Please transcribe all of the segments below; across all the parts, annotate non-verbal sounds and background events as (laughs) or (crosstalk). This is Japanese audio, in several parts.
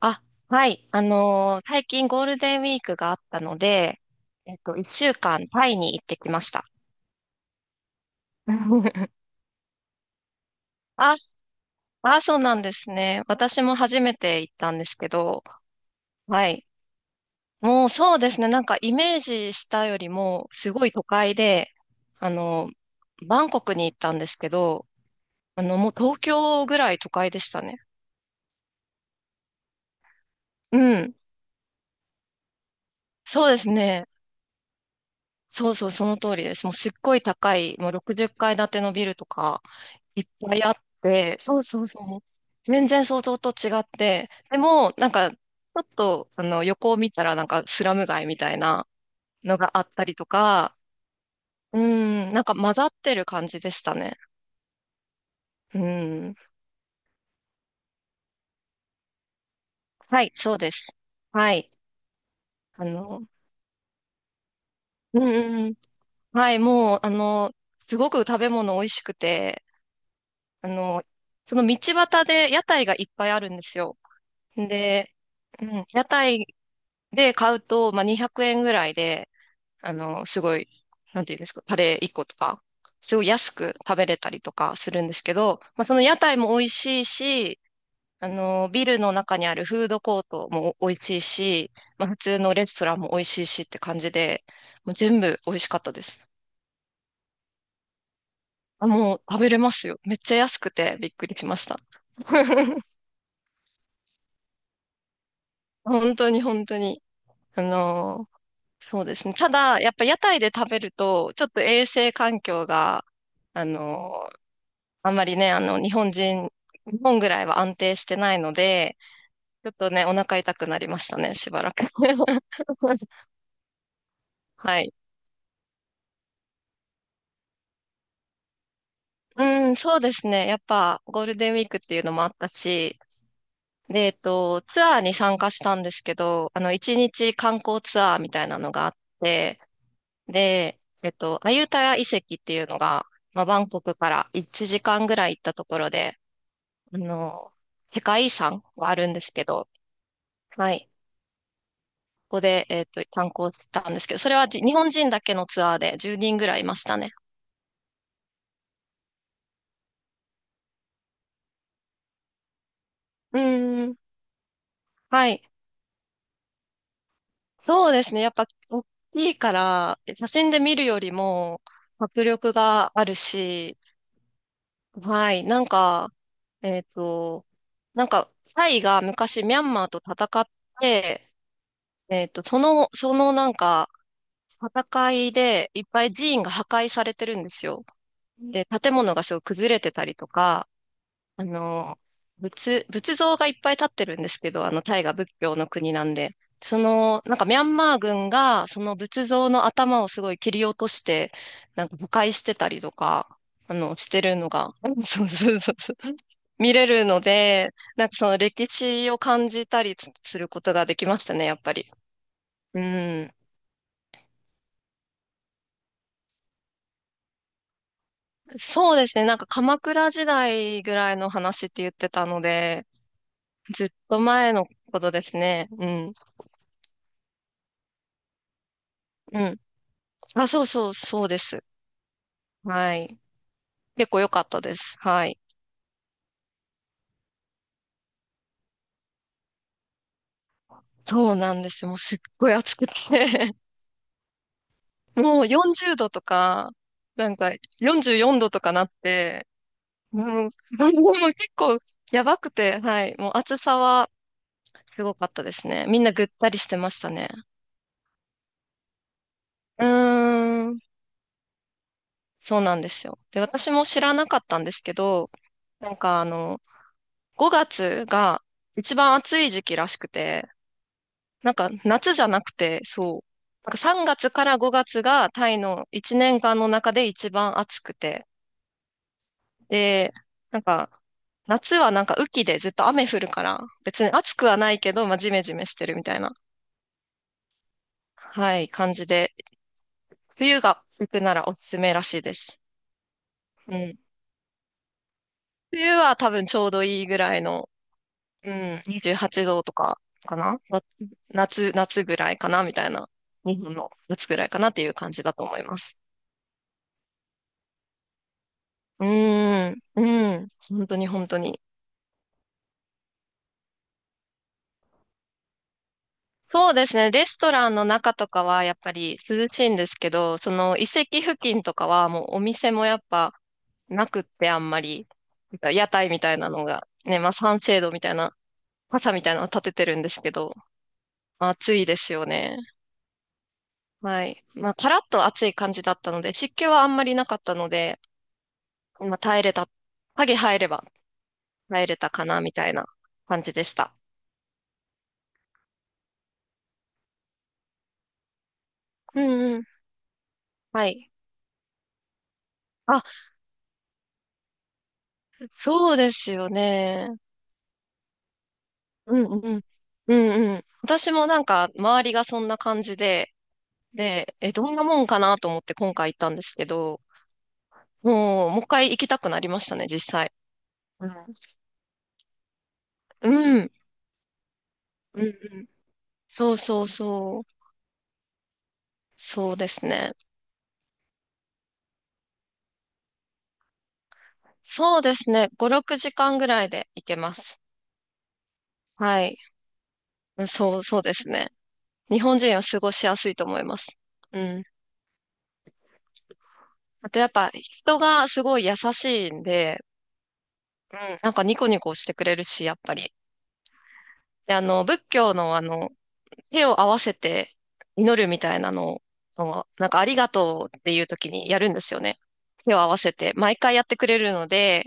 あ、はい。最近ゴールデンウィークがあったので、一週間タイに行ってきました。(laughs) あ、あ、そうなんですね。私も初めて行ったんですけど、はい。もうそうですね。なんかイメージしたよりも、すごい都会で、あのバンコクに行ったんですけど、もう東京ぐらい都会でしたね。うん。そうですね。そうそう、その通りです。もうすっごい高い、もう60階建てのビルとか、いっぱいあって、そうそうそう。全然想像と違って、でも、なんか、ちょっと、横を見たら、なんか、スラム街みたいなのがあったりとか、うん、なんか混ざってる感じでしたね。うん。はい、そうです。はい。あの、うんうんうん。はい、もう、すごく食べ物美味しくて、あの、その道端で屋台がいっぱいあるんですよ。で、うん、屋台で買うと、まあ、200円ぐらいで、すごい、なんていうんですか、タレー1個とか、すごい安く食べれたりとかするんですけど、まあ、その屋台も美味しいし、ビルの中にあるフードコートも美味しいし、まあ、普通のレストランも美味しいしって感じで、もう全部美味しかったです。あ、もう食べれますよ。めっちゃ安くてびっくりしました。(laughs) 本当に本当に。あのーそうですね。ただ、やっぱ屋台で食べると、ちょっと衛生環境が、あのあんまりね、日本ぐらいは安定してないので、ちょっとね、お腹痛くなりましたね、しばらく。(laughs) はい。うん、そうですね。やっぱ、ゴールデンウィークっていうのもあったし、で、ツアーに参加したんですけど、一日観光ツアーみたいなのがあって、で、アユタヤ遺跡っていうのが、まあ、バンコクから1時間ぐらい行ったところで、あの、世界遺産があるんですけど、はい。ここで、参考したんですけど、それは日本人だけのツアーで10人ぐらいいましたね。うーん。はい。そうですね。やっぱ、大きいから、写真で見るよりも、迫力があるし、はい。なんか、えっと、タイが昔ミャンマーと戦って、そのなんか、戦いでいっぱい寺院が破壊されてるんですよ。で、建物がすごい崩れてたりとか、あの、仏像がいっぱい立ってるんですけど、タイが仏教の国なんで、その、なんかミャンマー軍が、その仏像の頭をすごい切り落として、なんか誤解してたりとか、してるのが、(laughs) そうそうそうそう、見れるので、なんかその歴史を感じたりすることができましたね、やっぱり。うん。そうですね、なんか鎌倉時代ぐらいの話って言ってたので、ずっと前のことですね。うん。うんあ、そうそう、そうです。はい。結構良かったです。はい。そうなんですよ。もうすっごい暑くて (laughs) もう40度とか、なんか44度とかなって、もう、(laughs) あもう結構やばくて、はい。もう暑さはすごかったですね。みんなぐったりしてましたね。うーん。そうなんですよ。で、私も知らなかったんですけど、なんかあの、5月が一番暑い時期らしくて、なんか夏じゃなくて、そう。なんか3月から5月がタイの1年間の中で一番暑くて。で、なんか夏はなんか雨季でずっと雨降るから、別に暑くはないけど、まあジメジメしてるみたいな、はい、感じで。冬が行くならおすすめらしいです。うん。冬は多分ちょうどいいぐらいの、うん、28度とかかな夏ぐらいかなみたいな。日本の夏ぐらいかなっていう感じだと思います。うーん、うん、本当に本当に。そうですね、レストランの中とかはやっぱり涼しいんですけど、その遺跡付近とかはもうお店もやっぱなくってあんまり、なんか屋台みたいなのが、ね、まあサンシェードみたいな、傘みたいなの立ててるんですけど、まあ暑いですよね。はい。まあカラッと暑い感じだったので、湿気はあんまりなかったので、まあ耐えれた、影入れば耐えれたかなみたいな感じでした。うんうん。はい。あそうですよね。うんうん。うんうん。私もなんか、周りがそんな感じで、で、え、どんなもんかなと思って今回行ったんですけど、もう一回行きたくなりましたね、実際。うん。うんうんうん。そうそうそう。そうですね。そうですね。5、6時間ぐらいで行けます。はい。うんそう、そうですね。日本人は過ごしやすいと思います。うん。あとやっぱ人がすごい優しいんで、うん、なんかニコニコしてくれるし、やっぱり。で、仏教の手を合わせて祈るみたいなのを、なんかありがとうっていう時にやるんですよね。手を合わせて、毎回やってくれるので、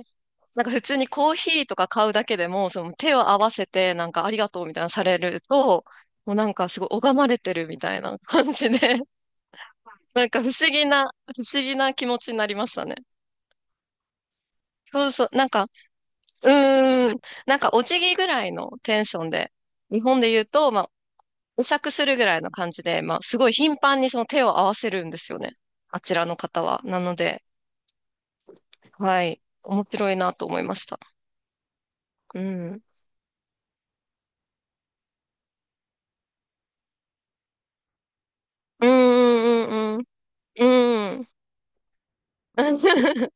なんか普通にコーヒーとか買うだけでも、その手を合わせて、なんかありがとうみたいなのされると、もうなんかすごい拝まれてるみたいな感じで、(laughs) なんか不思議な気持ちになりましたね。そうそう、なんか、うーん。なんか、お辞儀ぐらいのテンションで、日本で言うと、まあ、お酌するぐらいの感じで、まあ、すごい頻繁にその手を合わせるんですよね。あちらの方は。なので、はい。面白いなと思いました。うん。うんうんうんうん。うん。(laughs)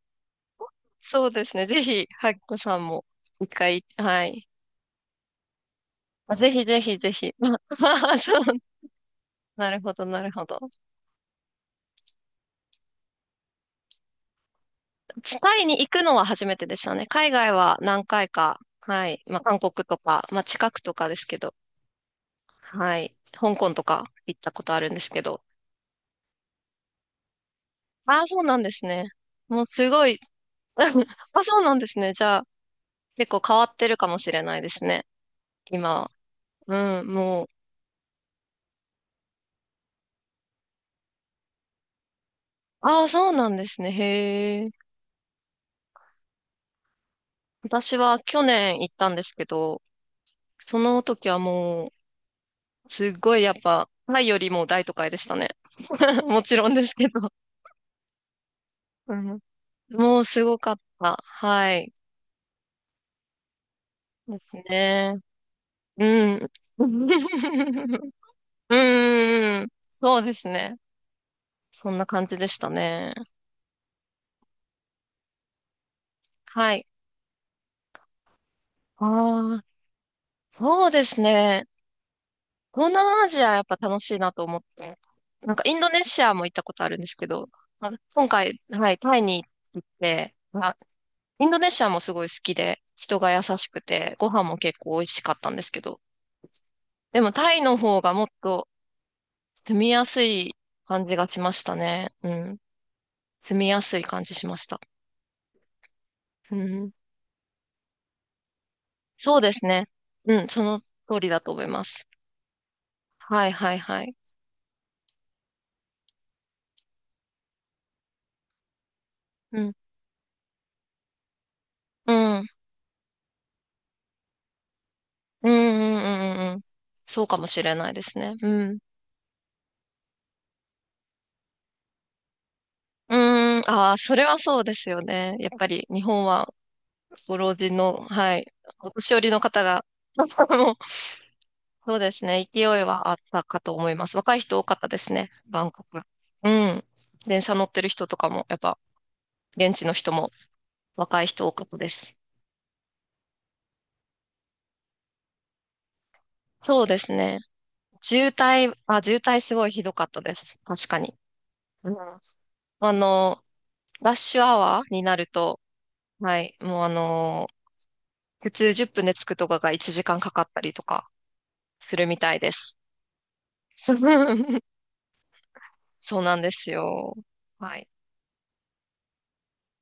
そうですね。ぜひ、ハッコさんも、一回、はい。あぜひぜひぜひ。(laughs) まあそう (laughs) なるほど、なるほど。タイに行くのは初めてでしたね。海外は何回か。はい。まあ、韓国とか、まあ、近くとかですけど。はい。香港とか行ったことあるんですけど。ああ、そうなんですね。もうすごい。(laughs) あ、そうなんですね。じゃあ、結構変わってるかもしれないですね。今は。うん、もう。ああ、そうなんですね。へえ。私は去年行ったんですけど、その時はもう、すっごいやっぱ、タイよりも大都会でしたね。(laughs) もちろんですけど。うんもうすごかった。はい。ですね。うん。(laughs) うん。そうですね。そんな感じでしたね。はい。ああ、そうですね。東南アジアやっぱ楽しいなと思って。なんかインドネシアも行ったことあるんですけど、あ今回、はい、タイに行って、あ、インドネシアもすごい好きで、人が優しくて、ご飯も結構美味しかったんですけど、でもタイの方がもっと住みやすい感じがしましたね。うん。住みやすい感じしました。うん。そうですね。うん、その通りだと思います。はいはいはい。うん。うん。うんうんうんうん。そうかもしれないですね。うん。うーん。ああ、それはそうですよね。やっぱり日本はご老人の、はい、お年寄りの方が、(laughs) もうそうですね。勢いはあったかと思います。若い人多かったですね。バンコク。うん。電車乗ってる人とかも、やっぱ現地の人も若い人多かったです。そうですね。渋滞すごいひどかったです。確かに。うん。あの、ラッシュアワーになると、はい、もうあの、普通10分で着くとかが1時間かんかかったりとかするみたいです。(laughs) そうなんですよ。はい。